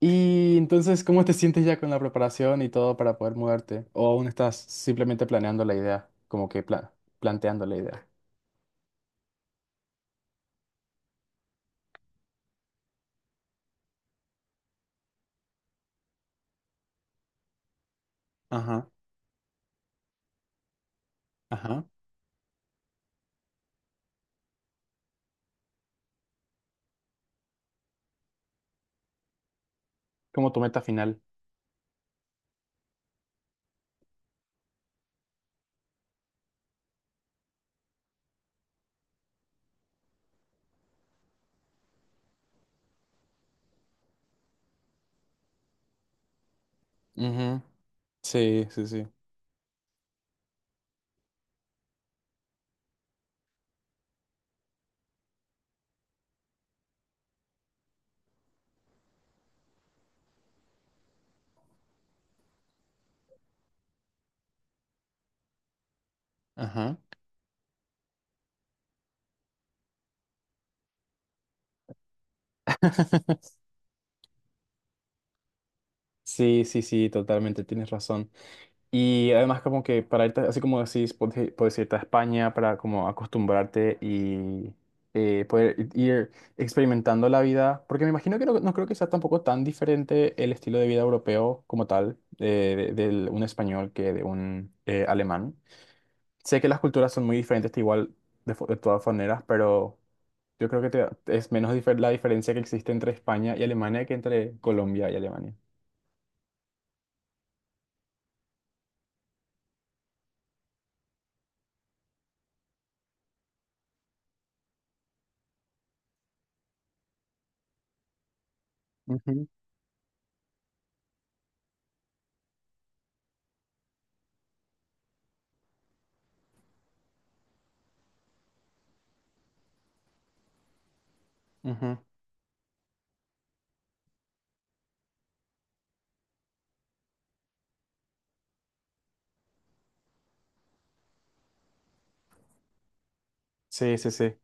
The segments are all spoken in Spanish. Y entonces, ¿cómo te sientes ya con la preparación y todo para poder mudarte? ¿O aún estás simplemente planeando la idea? Como que planteando la idea. Ajá, ajá. Como tu meta final. Ujú. Sí, sí, sí. Ajá. Sí, sí, sí, totalmente, tienes razón. Y además como que para irte, así como decís, puedes irte a España para como acostumbrarte y poder ir experimentando la vida, porque me imagino que no, no creo que sea tampoco tan diferente el estilo de vida europeo como tal, de un español que de un alemán. Sé que las culturas son muy diferentes, te igual de todas maneras, pero yo creo que es menos la diferencia que existe entre España y Alemania que entre Colombia y Alemania. Ujú. Ujú. Sí, sí, sí.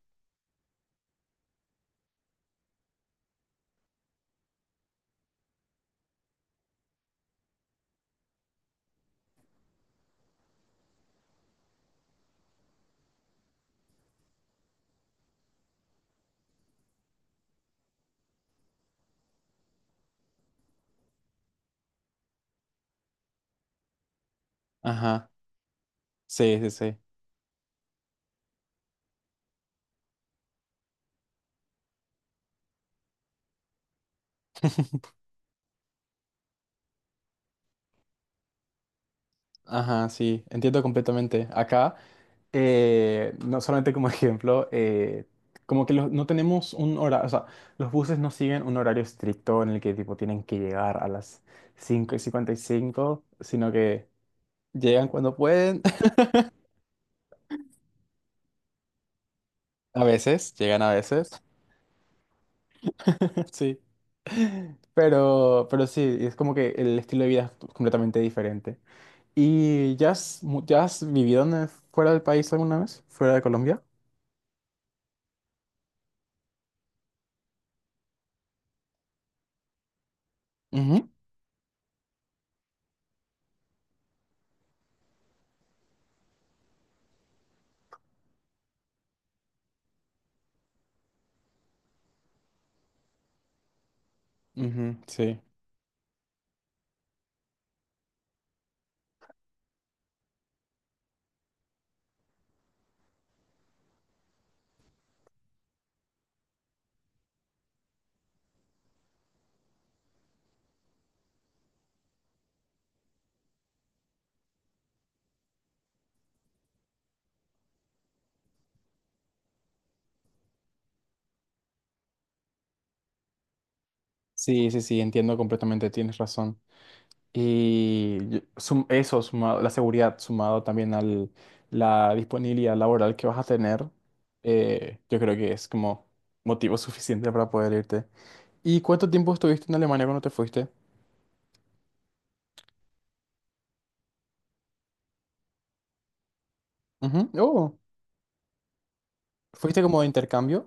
Ajá. Sí, sí, sí. Ajá, sí, entiendo completamente. Acá, no solamente como ejemplo, como que no tenemos un horario, o sea, los buses no siguen un horario estricto en el que tipo tienen que llegar a las 5:55, sino que llegan cuando pueden, a veces, llegan a veces, sí. Pero, sí, es como que el estilo de vida es completamente diferente. ¿Y ya has, vivido fuera del país alguna vez? ¿Fuera de Colombia? Ujú, sí, sí, sí, sí, entiendo completamente, tienes razón. Y eso, sumado, la seguridad, sumado también a la disponibilidad laboral que vas a tener, yo creo que es como motivo suficiente para poder irte. ¿Y cuánto tiempo estuviste en Alemania cuando te fuiste? Ujú. Oh, ¿fuiste como de intercambio?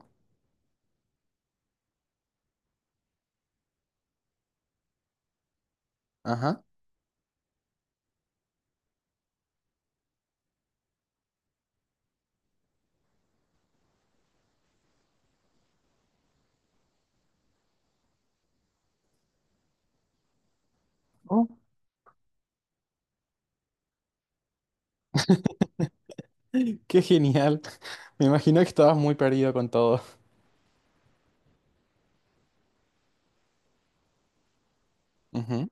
Ajá. Oh, qué genial. Me imagino que estabas muy perdido con todo. Ujú,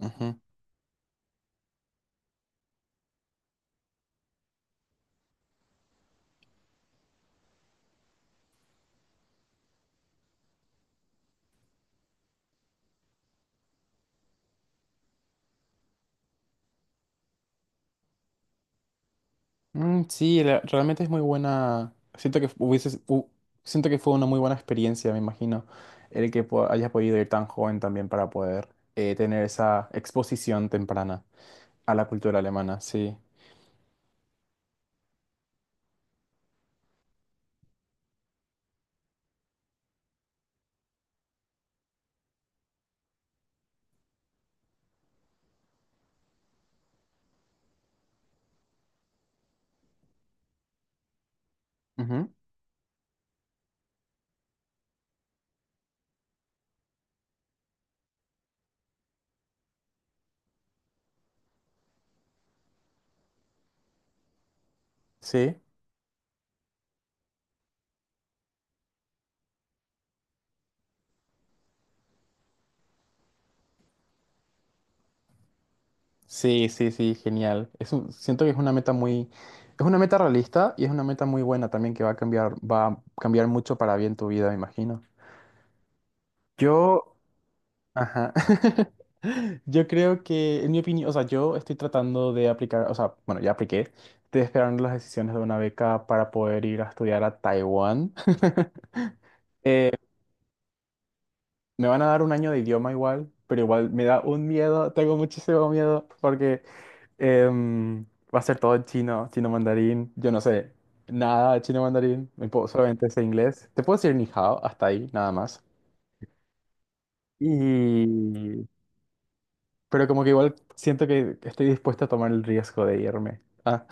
ujú. Mm, sí, realmente es muy buena. Siento que fue una muy buena experiencia, me imagino, el que hayas podido ir tan joven también para poder tener esa exposición temprana a la cultura alemana, sí. Ujú. Sí, sí, sí, sí, genial. Siento que es una meta realista y es una meta muy buena también que va a cambiar mucho para bien tu vida, me imagino. Yo Ajá. Yo creo que, en mi opinión, o sea, yo estoy tratando de aplicar, o sea, bueno, ya apliqué, estoy esperando las decisiones de una beca para poder ir a estudiar a Taiwán. Eh, Me van a dar un año de idioma igual, pero igual me da un miedo, tengo muchísimo miedo porque em, va a ser todo en chino, chino mandarín. Yo no sé nada de chino mandarín, solamente sé inglés. Te puedo decir ni hao, hasta ahí, nada más. Y Pero como que igual siento que estoy dispuesto a tomar el riesgo de irme. Ah,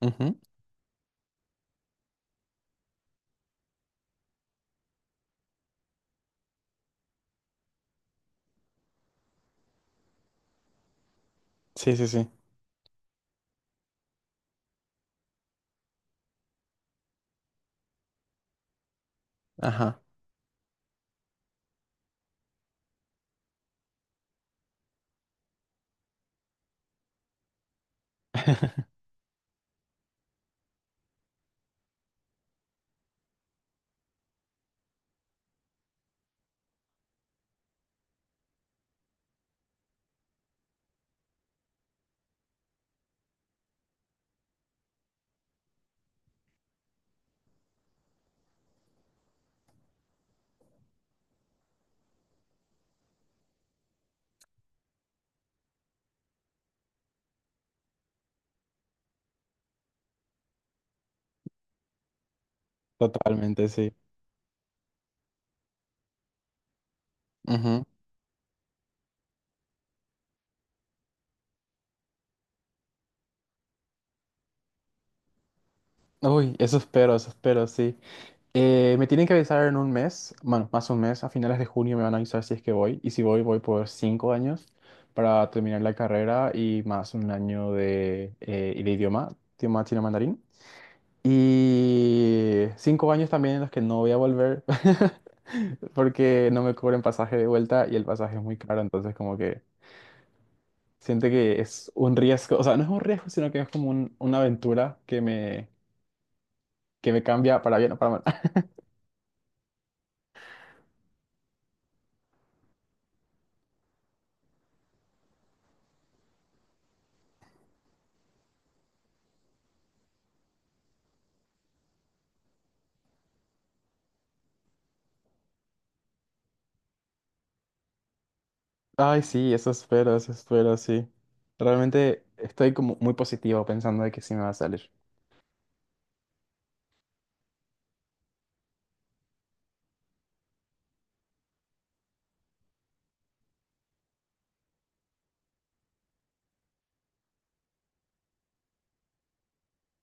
ujú. Sí, sí, sí. Ajá. Totalmente, sí. Ujú. Uy, eso espero, sí. Me tienen que avisar en un mes, bueno, más un mes, a finales de junio me van a avisar si es que voy, y si voy, voy por 5 años para terminar la carrera y más un año de, y de idioma, idioma chino mandarín. Y 5 años también en los que no voy a volver porque no me cubren pasaje de vuelta y el pasaje es muy caro, entonces como que siento que es un riesgo, o sea, no es un riesgo, sino que es como una aventura que me cambia para bien o para mal. Ay, sí, eso espero, sí. Realmente estoy como muy positivo pensando de que sí me va a salir.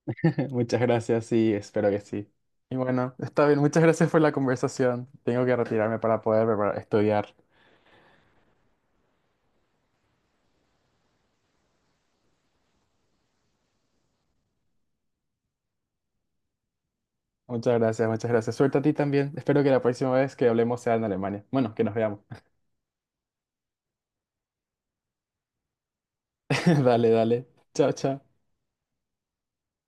Muchas gracias y espero que sí. Y bueno, está bien, muchas gracias por la conversación. Tengo que retirarme para poder estudiar. Muchas gracias, muchas gracias. Suerte a ti también. Espero que la próxima vez que hablemos sea en Alemania. Bueno, que nos veamos. Dale, dale. Chao, chao.